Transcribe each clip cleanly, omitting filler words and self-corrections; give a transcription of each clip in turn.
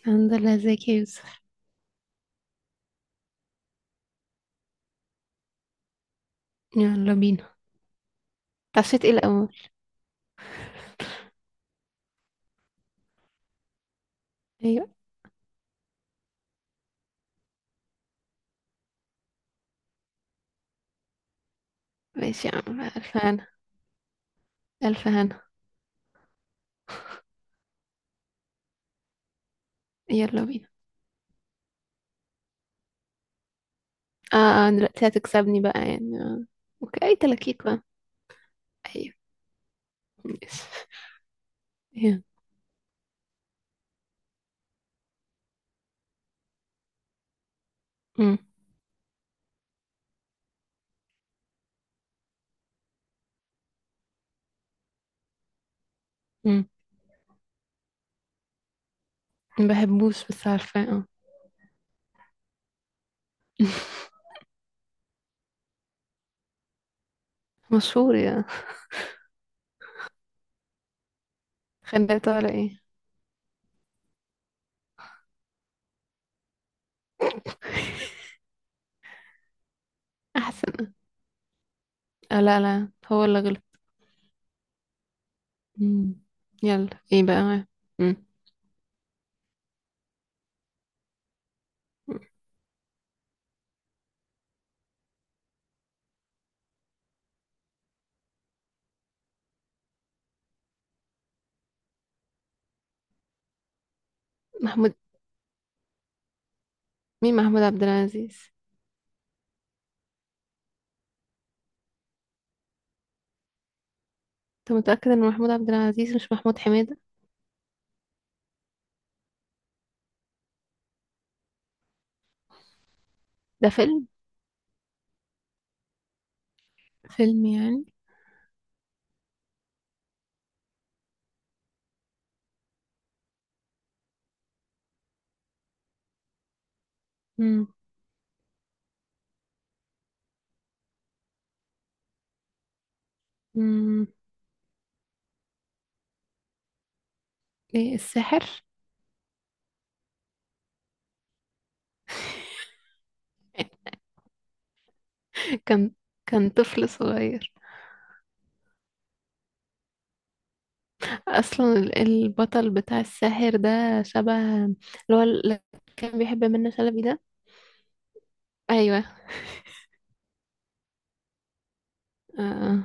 الحمد لله، ازيك يا يوسف؟ يلا بينا. طفشت ايه الأول؟ أيوة. ماشي يا عم، ألف هنا، ألف هنا. يلا بينا. اه دلوقتي هتكسبني بقى يعني آه. اوكي، أي تلاكيك بقى؟ أيوة. ماشي. يلا. أمم، أمم. ما بحبوش بس عارفة، اه. مشهور يا؟ خليته ولا ايه؟ أحسن. آه، لا لا، هو اللي غلط. أمم. يلا ايه بقى؟ أمم. محمود. مين محمود عبد العزيز؟ انت متأكد ان محمود عبد العزيز مش محمود حميدة؟ ده فيلم؟ فيلم يعني. مم. مم. ايه الساحر؟ كان كان طفل صغير. اصلا البطل بتاع الساحر ده شبه اللي هو اللي كان بيحب منة شلبي ده. ايوه. آه.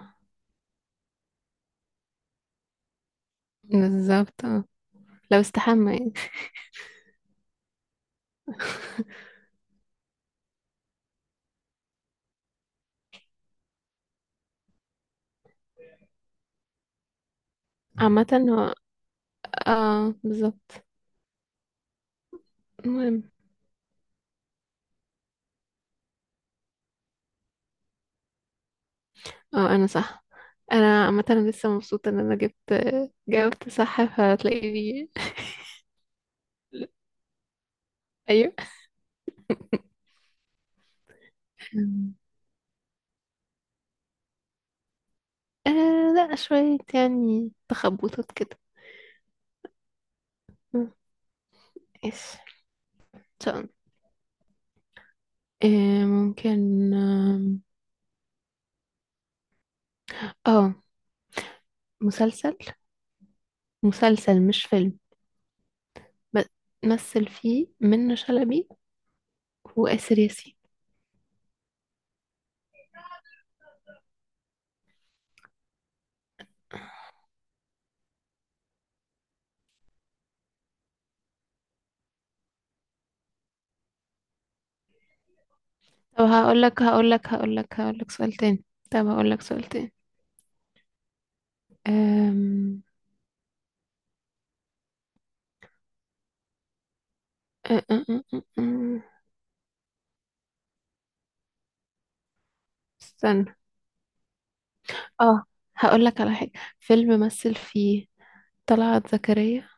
بالظبط آه. لو استحمى يعني. عامة هو، اه بالظبط. المهم، اه انا صح. انا عامة أنا لسه مبسوطة ان انا جبت، جاوبت صح فهتلاقيني. ايوه. آه لا، شوية يعني تخبطات كده. مم. ايش؟ طيب. آه ممكن، اه. آه، مسلسل، مسلسل مش فيلم. ب- مثل فيه منة شلبي وآسر ياسين. طب هقول لك سؤال تاني. طب هقول لك سؤال تاني. أم... أ- أ- أ- أ- أ- استنى. اه، هقول لك على حاجة. فيلم مثل فيه طلعت زكريا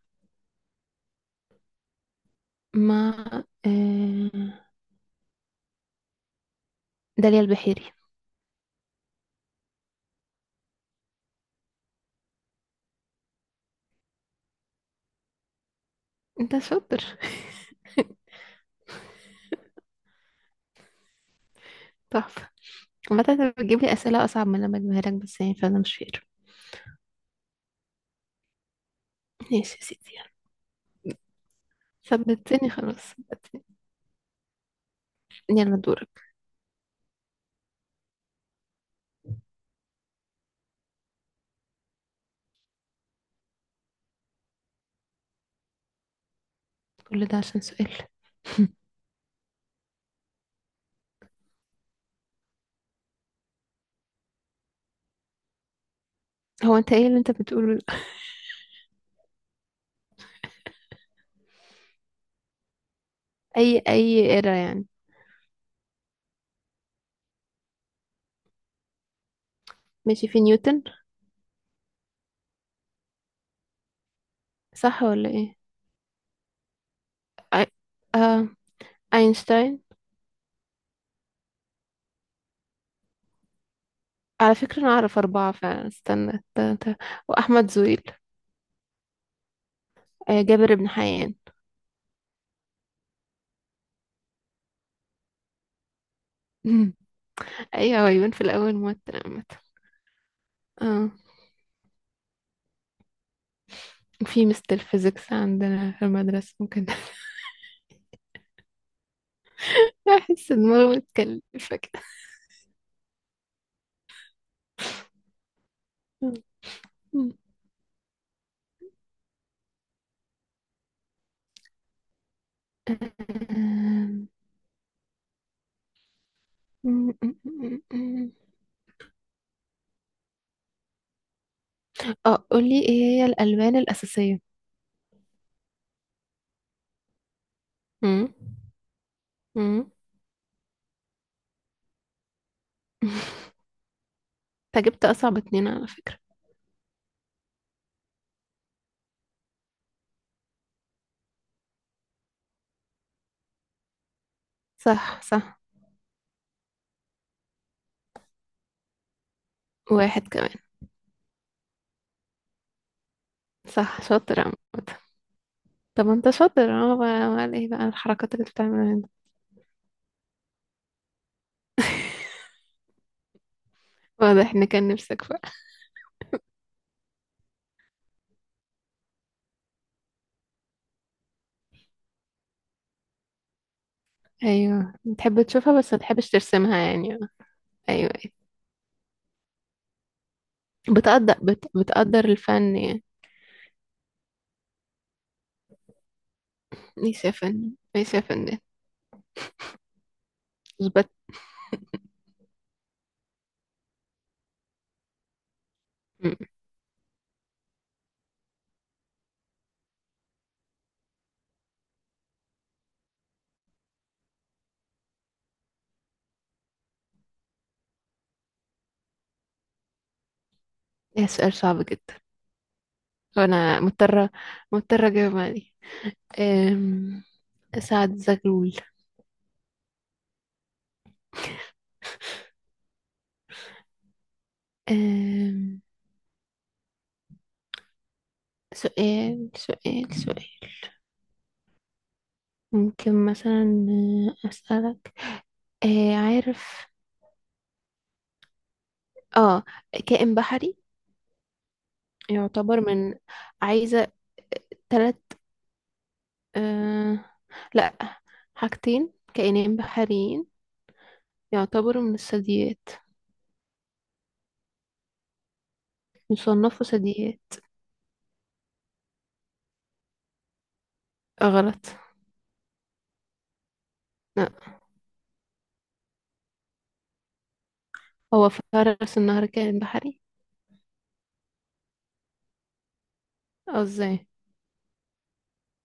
مع، آه، داليا البحيري. انت شاطر. تحفة. عامة انت بتجيب لي أسئلة أصعب من اللي أنا بجيبها لك، بس يعني فأنا مش فاكر. ماشي يا سيدي، يلا. ثبتني خلاص. يلا دورك. كل ده عشان سؤال؟ هو انت ايه اللي انت بتقوله ده؟ اي اي ايرا يعني. ماشي، في نيوتن، صح ولا ايه؟ أي... آه... اينشتاين. على فكرة انا اعرف اربعة فعلا، استنى واحمد زويل. جابر بن حيان. ايوه، هو يبان في الاول موتر عامة. اه، في مستر فيزيكس عندنا في المدرسة ممكن. احس دماغه متكلفة كده. مم، مم، مم، مم. اه، قولي ايه هي الألوان الأساسية. مم، مم. انت جبت أصعب اتنين على فكرة. صح صح. واحد كمان. صح، شاطر عامة. طب انت شاطر اه بقى، امال ايه بقى الحركات اللي بتعملها دي؟ واضح ان كان نفسك بقى. ايوه، بتحب تشوفها بس ما تحبش ترسمها يعني اه. ايوه ايوه. بتقدر بتقدر الفن يعني. ماشي يا فنان، ماشي يا فنان. اثبت. مم. ده سؤال صعب جدا. وانا مضطرة، مضطرة اجاوب عليه. أم، سعد زغلول. أم، سؤال. ممكن مثلا، أسألك، عارف، اه، كائن بحري يعتبر من. عايزة تلت، آه لا، حاجتين كائنين بحريين يعتبروا من الثدييات، يصنفوا ثدييات. آه، غلط. لا، هو فرس النهر كائن بحري؟ اه، ازاي؟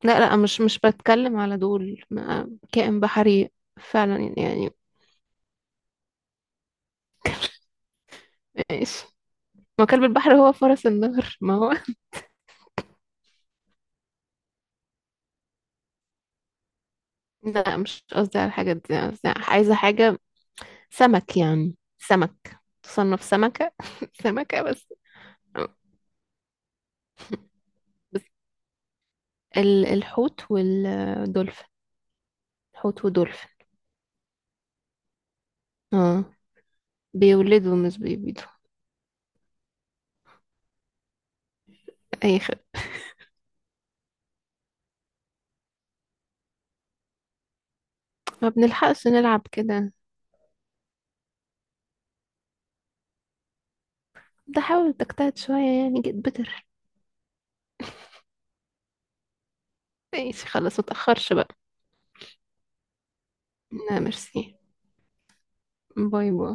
لا لا، مش بتكلم على دول، كائن بحري فعلا يعني. ايش؟ ما كلب البحر هو فرس النهر، ما هو. لا، مش قصدي على الحاجات دي، قصدي عايزة حاجة سمك يعني، سمك تصنف سمكة. سمكة بس. بس الحوت والدولفين، الحوت ودولفين. اه، بيولدوا مش بيبيضوا. اي، خد. ما بنلحقش نلعب كده. ده حاول تجتهد شوية يعني، جيت بتر. ماشي خلاص، متأخرش بقى. لا، ميرسي. باي باي.